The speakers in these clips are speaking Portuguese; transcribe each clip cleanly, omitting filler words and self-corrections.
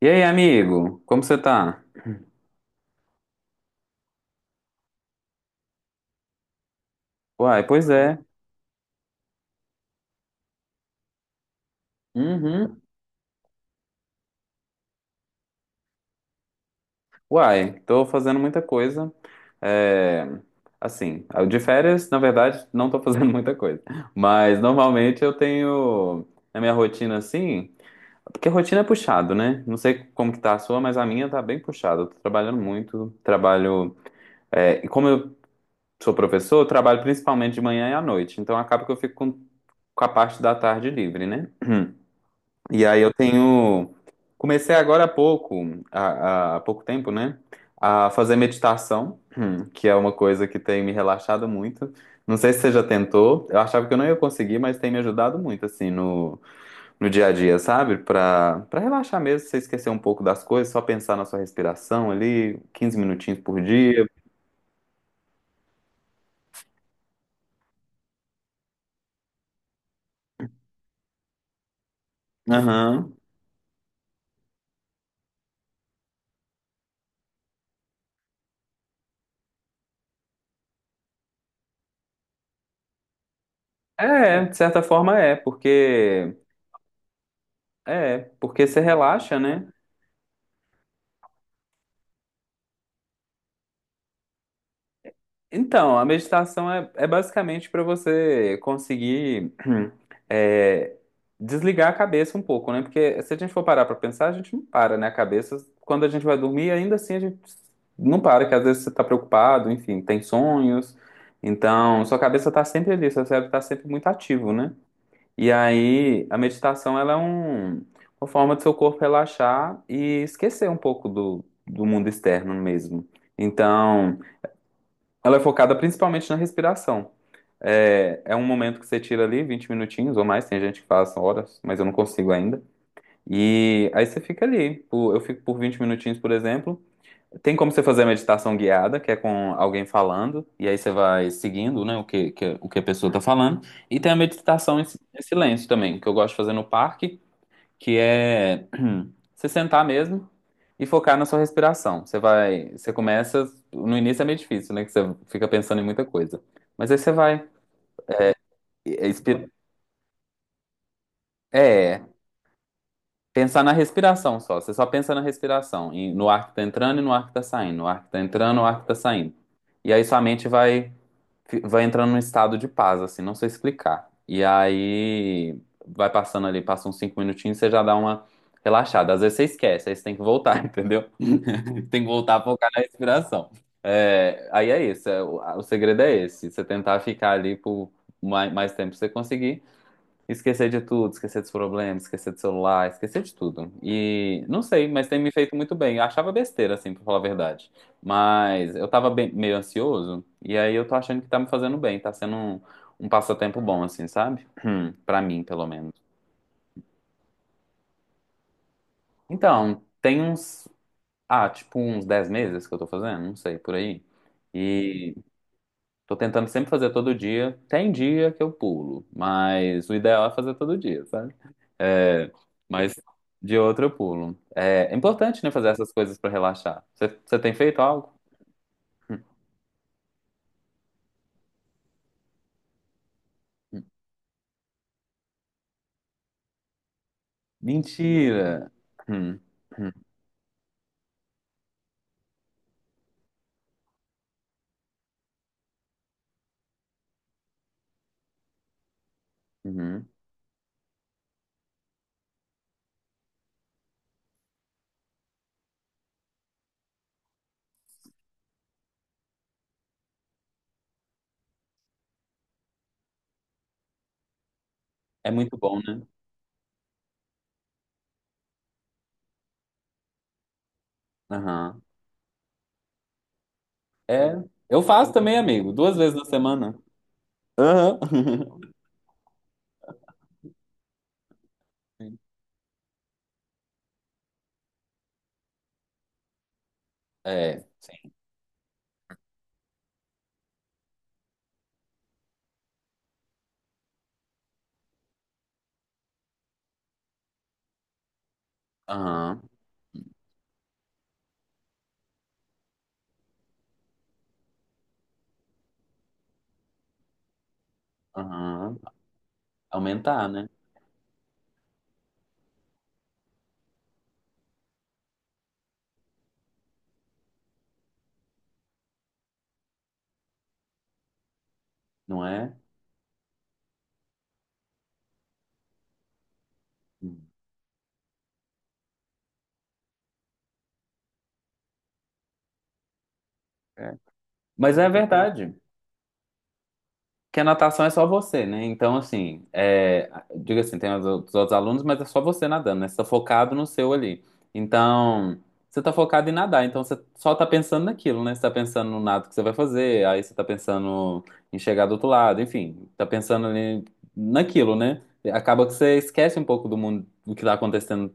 E aí, amigo? Como você tá? Uai, pois é. Uhum. Uai, tô fazendo muita coisa. É, assim, de férias, na verdade, não tô fazendo muita coisa. Mas normalmente eu tenho na minha rotina assim, porque a rotina é puxado, né? Não sei como que tá a sua, mas a minha tá bem puxada. Eu tô trabalhando muito, trabalho. E como eu sou professor, eu trabalho principalmente de manhã e à noite. Então acaba que eu fico com a parte da tarde livre, né? E aí eu tenho. Comecei agora há pouco, há pouco tempo, né? A fazer meditação, que é uma coisa que tem me relaxado muito. Não sei se você já tentou. Eu achava que eu não ia conseguir, mas tem me ajudado muito, assim, no dia a dia, sabe? Pra relaxar mesmo, você esquecer um pouco das coisas, só pensar na sua respiração ali, 15 minutinhos por dia. Aham. É, de certa forma é, porque. É, porque você relaxa, né? Então, a meditação é basicamente para você conseguir é, desligar a cabeça um pouco, né? Porque se a gente for parar para pensar, a gente não para, né? A cabeça, quando a gente vai dormir, ainda assim a gente não para, que às vezes você está preocupado, enfim, tem sonhos. Então, sua cabeça está sempre ali, seu cérebro está sempre muito ativo, né? E aí, a meditação, ela é uma forma do seu corpo relaxar e esquecer um pouco do mundo externo mesmo. Então. Ela é focada principalmente na respiração. É um momento que você tira ali 20 minutinhos ou mais, tem gente que faz horas, mas eu não consigo ainda. E aí você fica ali. Eu fico por 20 minutinhos, por exemplo. Tem como você fazer a meditação guiada, que é com alguém falando, e aí você vai seguindo, né, o que a pessoa está falando. E tem a meditação em silêncio também, que eu gosto de fazer no parque, que é você sentar mesmo e focar na sua respiração. Você vai, você começa, no início é meio difícil, né, que você fica pensando em muita coisa. Mas aí você vai é, expi- é, pensar na respiração só. Você só pensa na respiração, no ar que tá entrando e no ar que tá saindo, no ar que tá entrando, no ar que tá saindo. E aí sua mente vai entrando num estado de paz, assim, não sei explicar. E aí vai passando ali, passa uns 5 minutinhos, você já dá uma relaxada. Às vezes você esquece, aí você tem que voltar, entendeu? Tem que voltar a focar na respiração. É, aí é isso, o segredo é esse, você tentar ficar ali por mais tempo que você conseguir. Esquecer de tudo, esquecer dos problemas, esquecer do celular, esquecer de tudo. E não sei, mas tem me feito muito bem. Eu achava besteira, assim, pra falar a verdade. Mas eu tava meio ansioso, e aí eu tô achando que tá me fazendo bem, tá sendo um passatempo bom, assim, sabe? Pra mim, pelo menos. Então, tem ah, tipo uns 10 meses que eu tô fazendo, não sei, por aí. Tô tentando sempre fazer todo dia. Tem dia que eu pulo, mas o ideal é fazer todo dia, sabe? É, mas de outro eu pulo. É, é importante, né, fazer essas coisas pra relaxar. Você tem feito algo? Mentira! Hum, hum, uhum. É muito bom, né? Aham. É, eu faço também, amigo, duas vezes na semana. Aham. É, sim. Aham, aham. Aumentar, né? Não é? Hum, é. Mas é verdade que a natação é só você, né? Então, assim, diga assim, tem os outros alunos, mas é só você nadando, né? Você tá focado no seu ali. Então, você tá focado em nadar, então você só tá pensando naquilo, né? Você tá pensando no nado que você vai fazer, aí você tá pensando em chegar do outro lado, enfim, tá pensando ali naquilo, né? Acaba que você esquece um pouco do mundo, do que tá acontecendo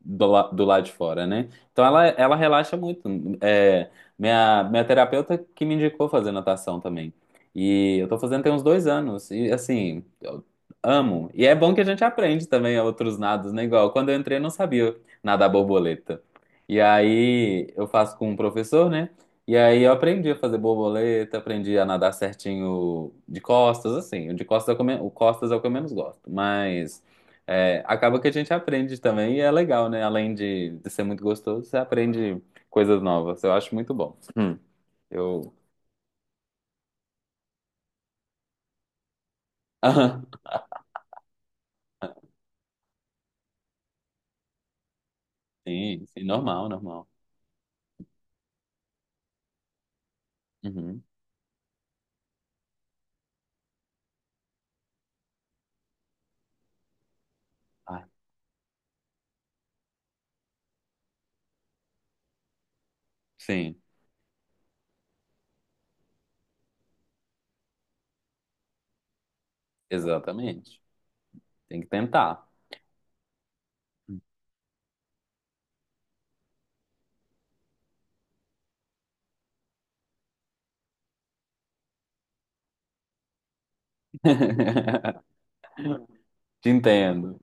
do lado de fora, né? Então ela relaxa muito. É, minha terapeuta que me indicou fazer natação também. E eu tô fazendo tem uns 2 anos. E assim, eu amo. E é bom que a gente aprende também outros nados, né? Igual quando eu entrei, eu não sabia nadar borboleta. E aí eu faço com um professor, né? E aí eu aprendi a fazer borboleta, aprendi a nadar certinho de costas, assim. O de costas é o que eu menos gosto. Mas acaba que a gente aprende também e é legal, né? Além de ser muito gostoso, você aprende coisas novas. Eu acho muito bom. Eu. Sim, sim, normal, normal. Uhum. Ah, sim, exatamente. Tem que tentar. Te entendo.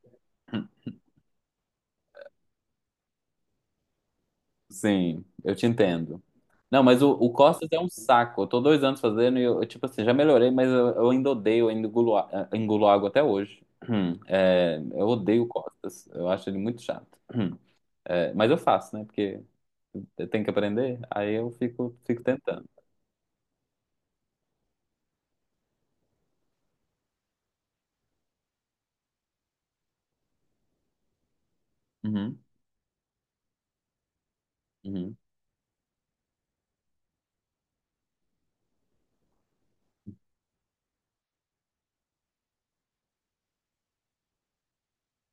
Sim, eu te entendo. Não, mas o Costas é um saco. Eu tô 2 anos fazendo e eu, tipo assim, já melhorei, mas eu ainda odeio, eu ainda engulo água até hoje. É, eu odeio o Costas. Eu acho ele muito chato. Hum, É, mas eu faço, né? Porque eu tenho que aprender, aí eu fico tentando. Uhum, uhum.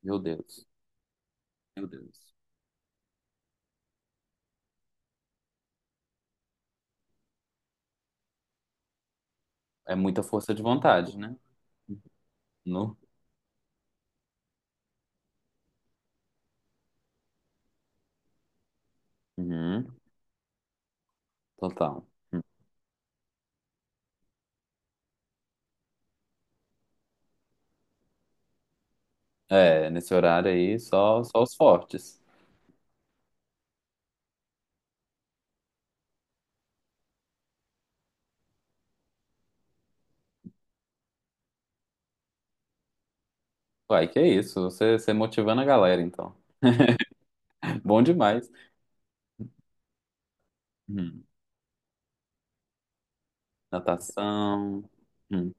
Meu Deus, meu Deus. É muita força de vontade, né? No? Uhum, total. É, nesse horário aí, só os fortes. Uai, que isso, você motivando a galera, então. Bom demais. Uhum. Natação. Uhum.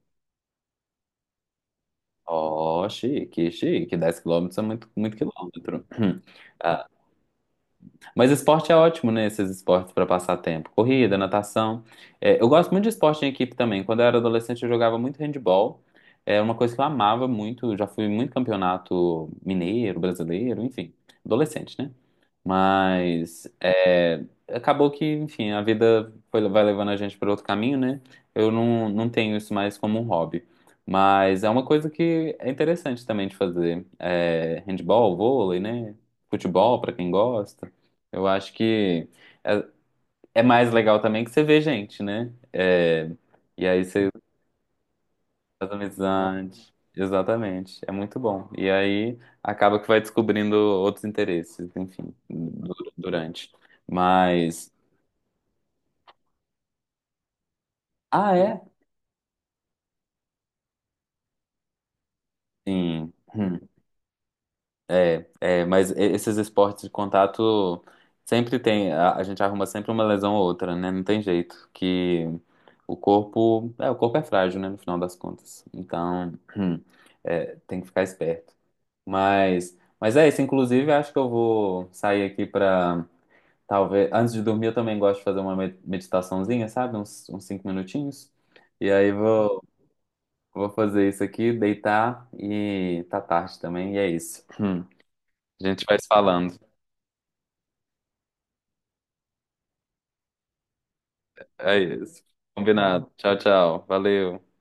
Ó, chique, chique. 10 quilômetros é muito, muito quilômetro. Mas esporte é ótimo, né? Esses esportes para passar tempo. Corrida, natação. É, eu gosto muito de esporte em equipe também. Quando eu era adolescente, eu jogava muito handball. É uma coisa que eu amava muito. Já fui muito campeonato mineiro, brasileiro, enfim. Adolescente, né? Mas é, acabou que, enfim, a vida vai levando a gente para outro caminho, né? Eu não tenho isso mais como um hobby. Mas é uma coisa que é interessante também de fazer. É, handball, vôlei, né? Futebol, para quem gosta. Eu acho que é, é mais legal também que você vê gente, né? É, e aí você faz amizade. Exatamente. É muito bom. E aí acaba que vai descobrindo outros interesses, enfim, durante. Mas. Ah, é? Sim. Hum. É, mas esses esportes de contato sempre tem, a gente arruma sempre uma lesão ou outra, né? Não tem jeito, que o corpo é frágil, né, no final das contas. Então, tem que ficar esperto. Mas é isso, inclusive, acho que eu vou sair aqui pra, talvez, antes de dormir eu também gosto de fazer uma meditaçãozinha, sabe? Uns 5 minutinhos. E aí vou fazer isso aqui, deitar e tá tarde também, e é isso. A gente vai se falando. É isso. Combinado. Tchau, tchau. Valeu.